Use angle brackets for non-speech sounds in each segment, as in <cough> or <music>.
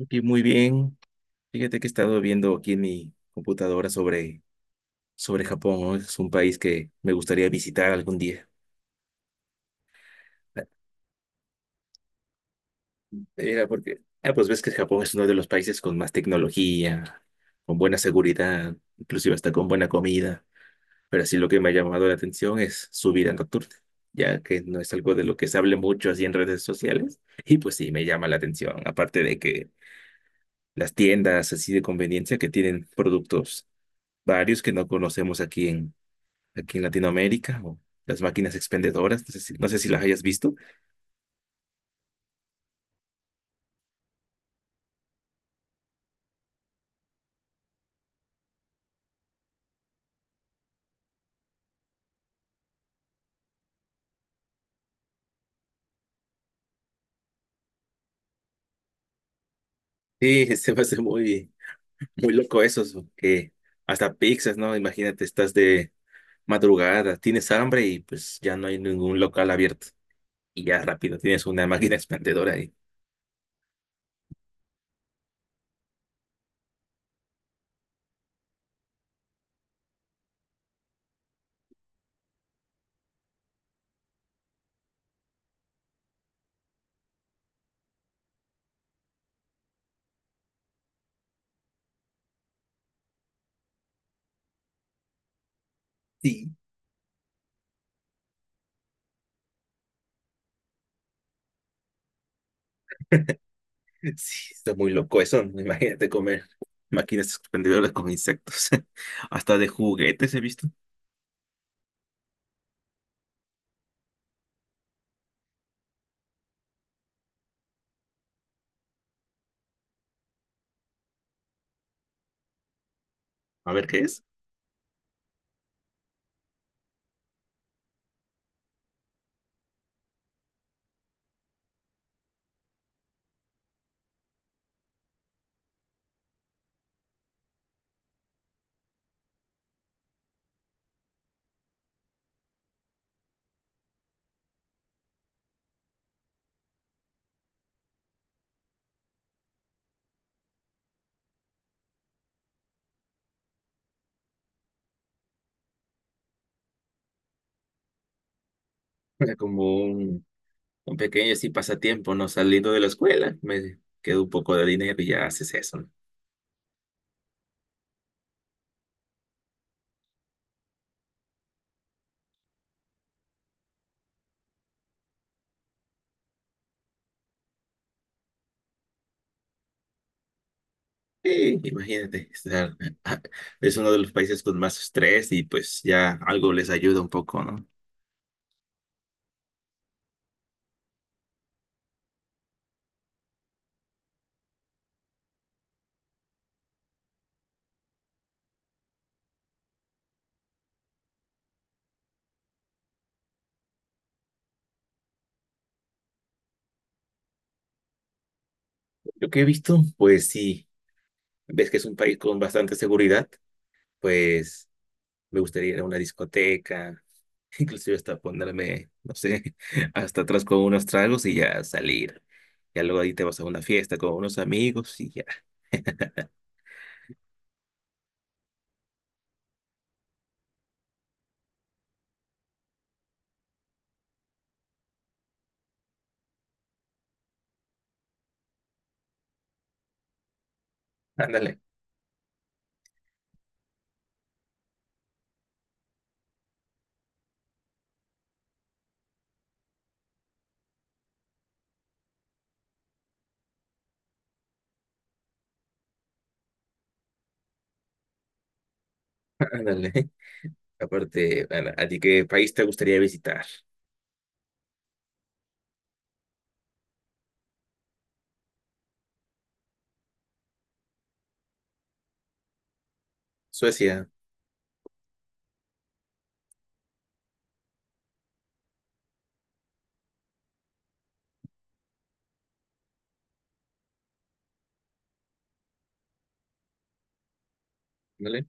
Aquí muy bien. Fíjate que he estado viendo aquí en mi computadora sobre Japón, ¿no? Es un país que me gustaría visitar algún día. <laughs> Mira, porque, pues ves que Japón es uno de los países con más tecnología, con buena seguridad, inclusive hasta con buena comida. Pero así lo que me ha llamado la atención es su vida nocturna, ya que no es algo de lo que se hable mucho así en redes sociales. Y pues sí, me llama la atención, aparte de que las tiendas así de conveniencia que tienen productos varios que no conocemos aquí en Latinoamérica, o las máquinas expendedoras, no sé si las hayas visto. Sí, <laughs> se me hace muy loco eso, so, que hasta pizzas, ¿no? Imagínate, estás de madrugada, tienes hambre y pues ya no hay ningún local abierto y ya rápido tienes una máquina expendedora ahí. Sí, <laughs> sí, está muy loco eso, ¿no? Imagínate comer máquinas expendedoras con insectos, <laughs> hasta de juguetes he visto. A ver qué es. Era como un con pequeños sí pasatiempo, ¿no? Saliendo de la escuela, me quedo un poco de dinero y ya haces eso, ¿no? Sí, imagínate, estar, <laughs> es uno de los países con más estrés y pues ya algo les ayuda un poco, ¿no? Lo que he visto, pues sí, ves que es un país con bastante seguridad, pues me gustaría ir a una discoteca, <laughs> inclusive hasta ponerme, no sé, <laughs> hasta atrás con unos tragos y ya salir. Ya luego ahí te vas a una fiesta con unos amigos y ya. Ándale, <laughs> ándale. Aparte, Ana, ¿a ti qué país te gustaría visitar? Suecia, ¿vale?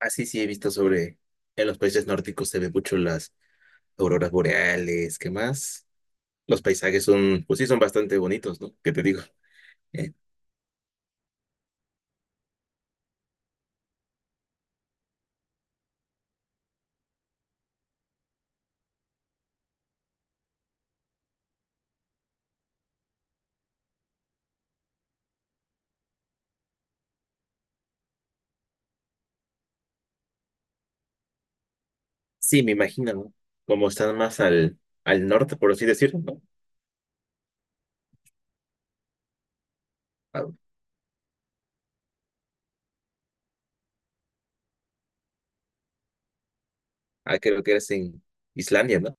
Así sí he visto sobre, en los países nórdicos se ven mucho las auroras boreales, ¿qué más? Los paisajes son, pues sí, son bastante bonitos, ¿no? ¿Qué te digo? Eh, sí, me imagino, ¿no? Como están más al norte, por así decirlo, ¿no? Ah, creo que eres en Islandia, ¿no?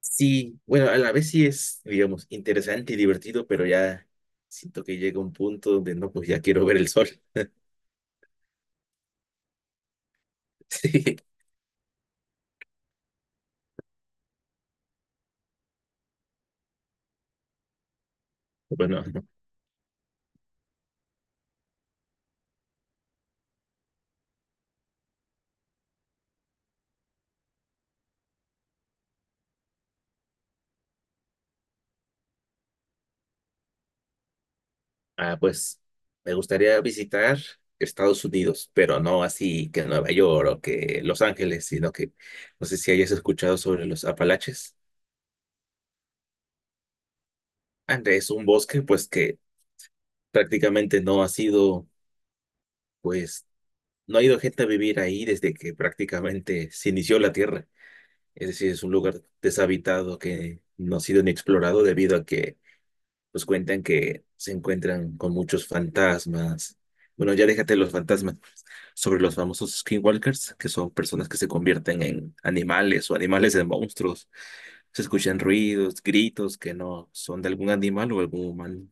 Sí, bueno, a la vez sí es, digamos, interesante y divertido, pero ya siento que llega un punto donde no, pues ya quiero ver el sol. <laughs> Sí, bueno. Pues me gustaría visitar Estados Unidos, pero no así que Nueva York o que Los Ángeles, sino que no sé si hayas escuchado sobre los Apalaches. Ande, es un bosque pues que prácticamente no ha sido, pues no ha ido gente a vivir ahí desde que prácticamente se inició la tierra. Es decir, es un lugar deshabitado que no ha sido ni explorado debido a que pues cuentan que se encuentran con muchos fantasmas. Bueno, ya déjate los fantasmas. Sobre los famosos skinwalkers, que son personas que se convierten en animales o animales en monstruos. Se escuchan ruidos, gritos que no son de algún animal o algún humano.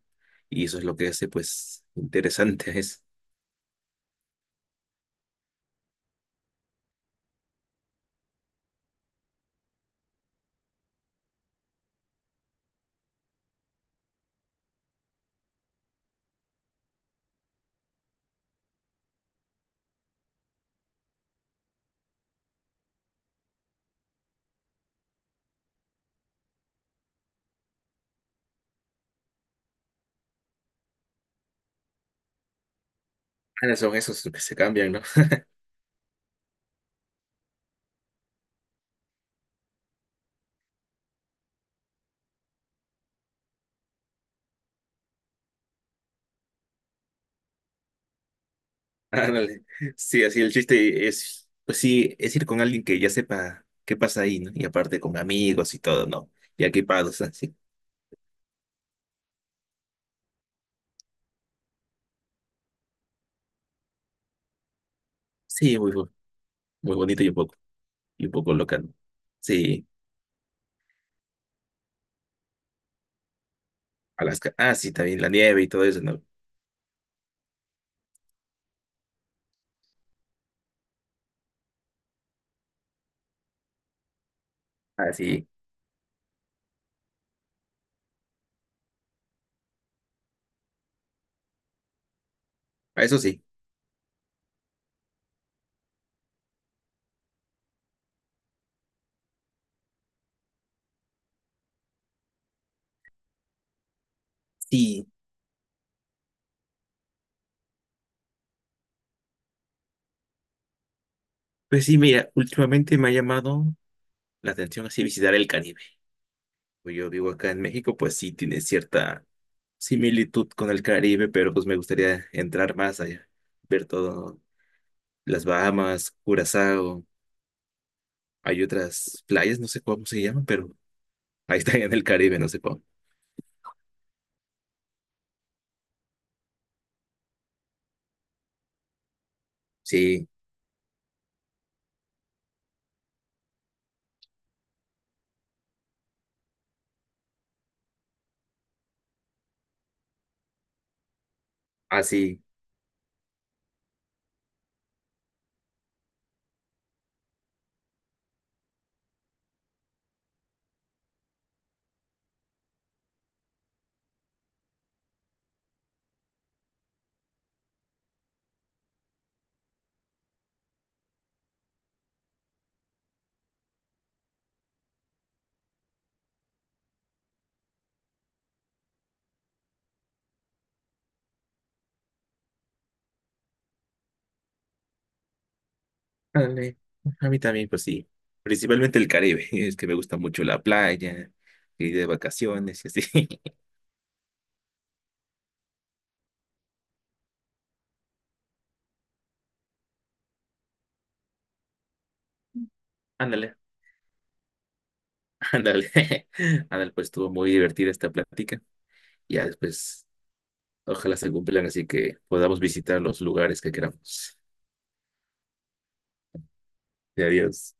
Y eso es lo que hace, pues, interesante. Es, ah, son esos que se cambian, ¿no? <laughs> Ándale. Sí, así el chiste es, pues sí, es ir con alguien que ya sepa qué pasa ahí, ¿no? Y aparte con amigos y todo, ¿no? Y equipados, <laughs> así. Sí, muy bonito y y un poco loca, ¿no? Sí, Alaska. Ah, sí, también la nieve y todo eso, ¿no? Ah, sí, a eso sí. Sí, pues sí, mira, últimamente me ha llamado la atención así visitar el Caribe. Pues yo vivo acá en México, pues sí, tiene cierta similitud con el Caribe, pero pues me gustaría entrar más allá, ver todo, las Bahamas, Curazao, hay otras playas, no sé cómo se llaman, pero ahí están en el Caribe, no sé cómo. Sí, así. Ándale. A mí también, pues sí. Principalmente el Caribe. <laughs> Es que me gusta mucho la playa, ir de vacaciones y así. <laughs> Ándale, ándale. <laughs> Ándale, pues estuvo muy divertida esta plática. Ya después, ojalá se cumplan, así que podamos visitar los lugares que queramos. <laughs> Adiós.